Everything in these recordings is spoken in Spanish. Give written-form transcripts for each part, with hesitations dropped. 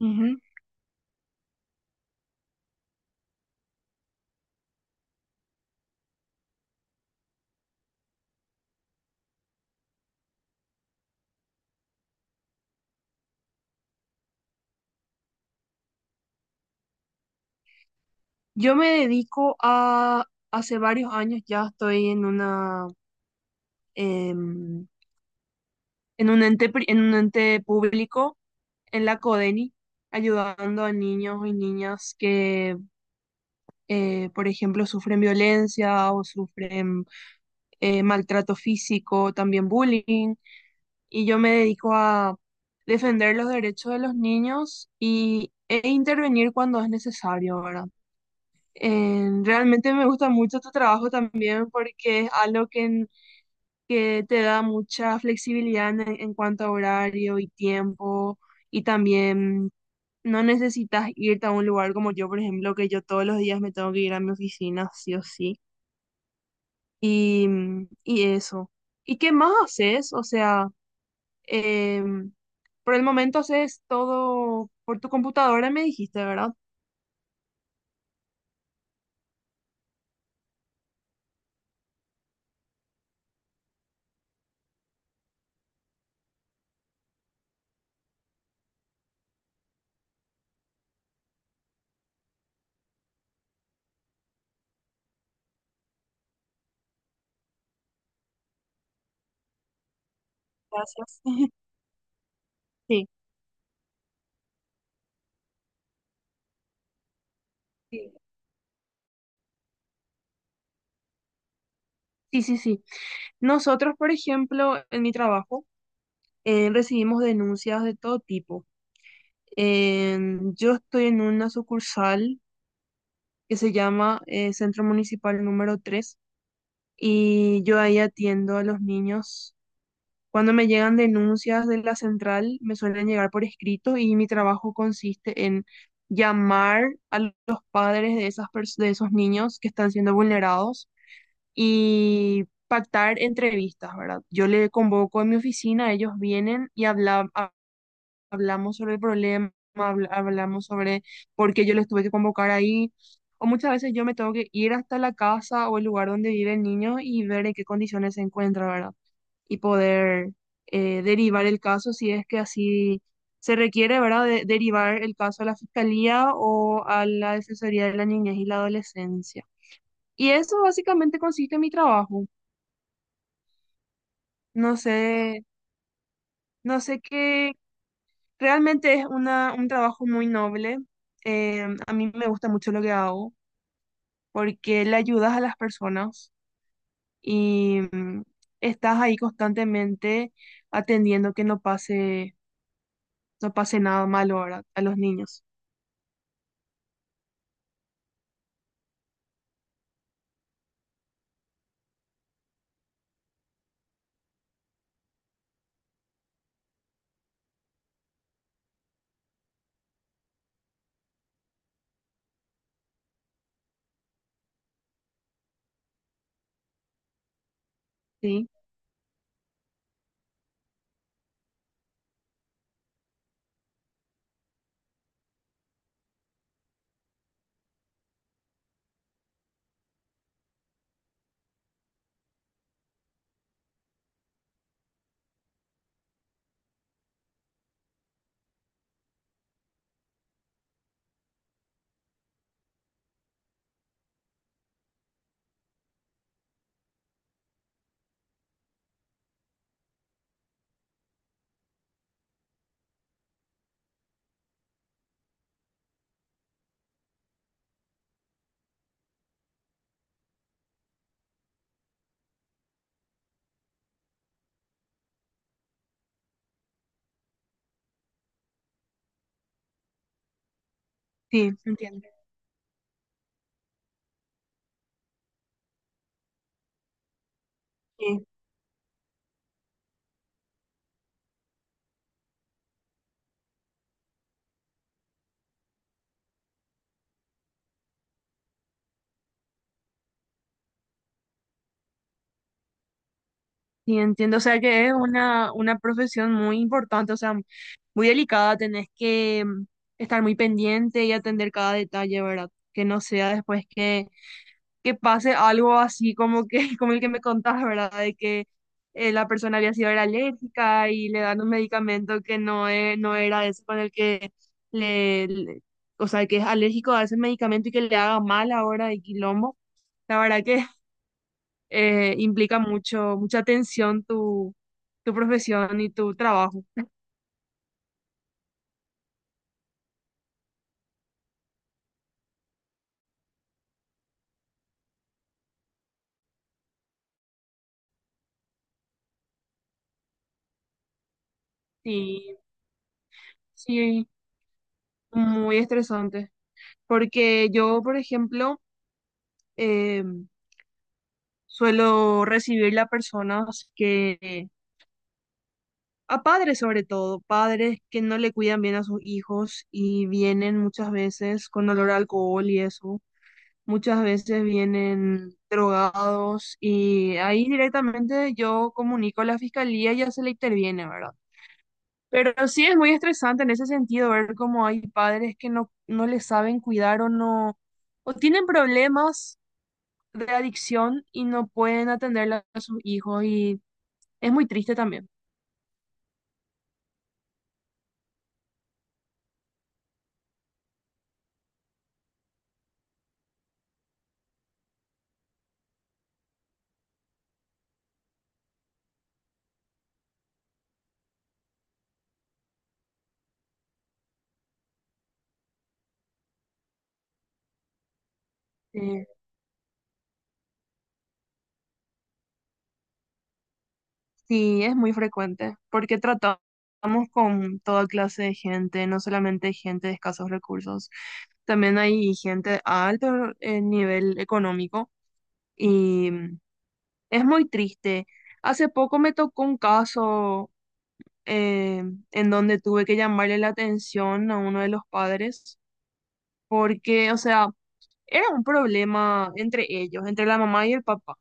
Ujú. Yo me dedico a, hace varios años ya estoy en una, em, en un ente, en un ente público, en la CODENI, ayudando a niños y niñas que, por ejemplo, sufren violencia o sufren maltrato físico, también bullying. Y yo me dedico a defender los derechos de los niños y, e intervenir cuando es necesario, ¿verdad? Realmente me gusta mucho tu trabajo también porque es algo que, que te da mucha flexibilidad en cuanto a horario y tiempo y también no necesitas irte a un lugar como yo, por ejemplo, que yo todos los días me tengo que ir a mi oficina, sí o sí. Y, y eso. ¿Y qué más haces? O sea, em, por el momento haces todo por tu computadora, me dijiste, ¿verdad? Gracias. Sí, sí, sí, sí. Nosotros, por ejemplo, en mi trabajo, recibimos denuncias de todo tipo. Yo estoy en una sucursal que se llama Centro Municipal número 3 y yo ahí atiendo a los niños. Cuando me llegan denuncias de la central, me suelen llegar por escrito y mi trabajo consiste en llamar a los padres de esas de esos niños que están siendo vulnerados y pactar entrevistas, ¿verdad? Yo le convoco a mi oficina, ellos vienen y hablamos sobre el problema, hablamos sobre por qué yo les tuve que convocar ahí. O muchas veces yo me tengo que ir hasta la casa o el lugar donde vive el niño y ver en qué condiciones se encuentra, ¿verdad? Y poder derivar el caso si es que así se requiere, ¿verdad? Derivar el caso a la fiscalía o a la Defensoría de la Niñez y la Adolescencia. Y eso básicamente consiste en mi trabajo. No sé, no sé qué, realmente es una, un trabajo muy noble. A mí me gusta mucho lo que hago porque le ayudas a las personas y estás ahí constantemente atendiendo que no pase, no pase nada malo ahora a los niños. Sí, sí, entiendo. Sí, sí, entiendo. O sea que es una profesión muy importante, o sea, muy delicada. Tenés que estar muy pendiente y atender cada detalle, ¿verdad? Que no sea después que pase algo así como que, como el que me contás, ¿verdad? De que la persona había sido era alérgica y le dan un medicamento que no, no era ese con el que le, le- o sea, que es alérgico a ese medicamento y que le haga mal ahora de quilombo. La verdad que implica mucho, mucha atención tu, tu profesión y tu trabajo. Sí, sí, muy estresante. Porque yo, por ejemplo, em, suelo recibirle a personas que, a padres sobre todo, padres que no le cuidan bien a sus hijos y vienen muchas veces con olor a alcohol y eso. Muchas veces vienen drogados y ahí directamente yo comunico a la fiscalía y ya se le interviene, ¿verdad? Pero sí es muy estresante en ese sentido ver cómo hay padres que no, no les saben cuidar o no, o tienen problemas de adicción y no pueden atenderle a sus hijos y es muy triste también. eh, sí, es muy frecuente, porque tratamos con toda clase de gente, no solamente gente de escasos recursos, también hay gente a alto nivel económico y es muy triste. Hace poco me tocó un caso eh, en donde tuve que llamarle la atención a uno de los padres, porque, o sea, era un problema entre ellos, entre la mamá y el papá.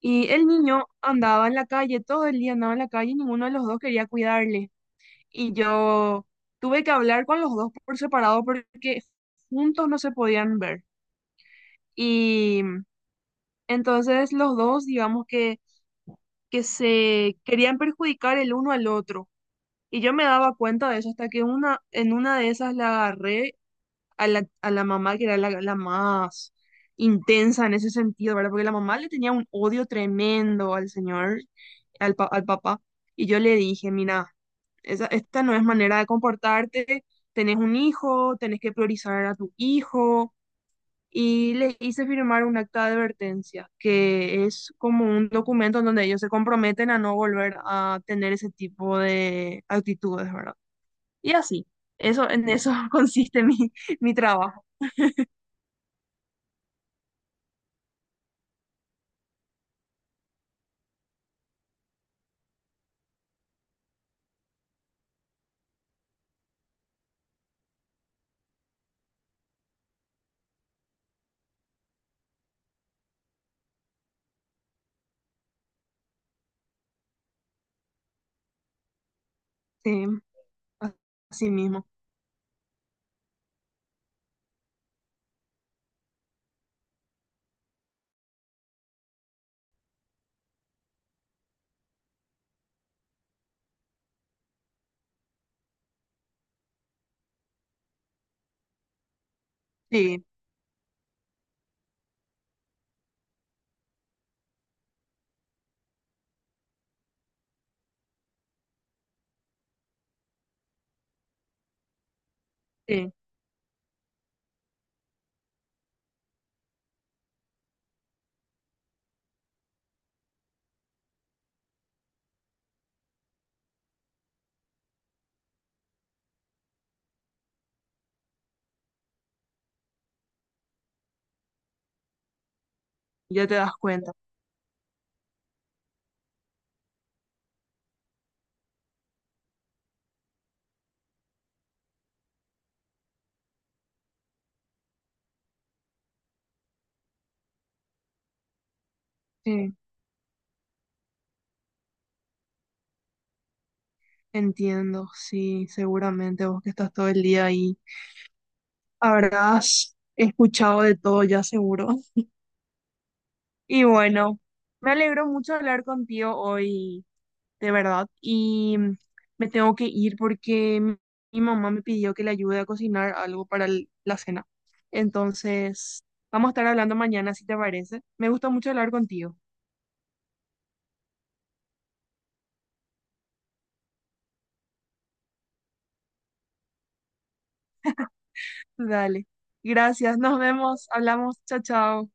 Y el niño andaba en la calle, todo el día andaba en la calle y ninguno de los dos quería cuidarle. Y yo tuve que hablar con los dos por separado porque juntos no se podían ver. Y entonces los dos, digamos que se querían perjudicar el uno al otro. Y yo me daba cuenta de eso hasta que una, en una de esas la agarré a la mamá, que era la, la más intensa en ese sentido, ¿verdad? Porque la mamá le tenía un odio tremendo al señor, al, al papá. Y yo le dije, mira, esa, esta no es manera de comportarte, tenés un hijo, tenés que priorizar a tu hijo. Y le hice firmar un acta de advertencia, que es como un documento en donde ellos se comprometen a no volver a tener ese tipo de actitudes, ¿verdad? Y así, eso, en eso consiste mi, mi trabajo. Sí, a- así mismo. Sí, sí, ya te das cuenta. Sí, entiendo, sí, seguramente vos que estás todo el día ahí habrás escuchado de todo ya seguro. Y bueno, me alegro mucho de hablar contigo hoy, de verdad. Y me tengo que ir porque mi mamá me pidió que le ayude a cocinar algo para la cena. Entonces, vamos a estar hablando mañana si te parece. Me gustó mucho hablar contigo. Dale. Gracias. Nos vemos. Hablamos. Chao, chao.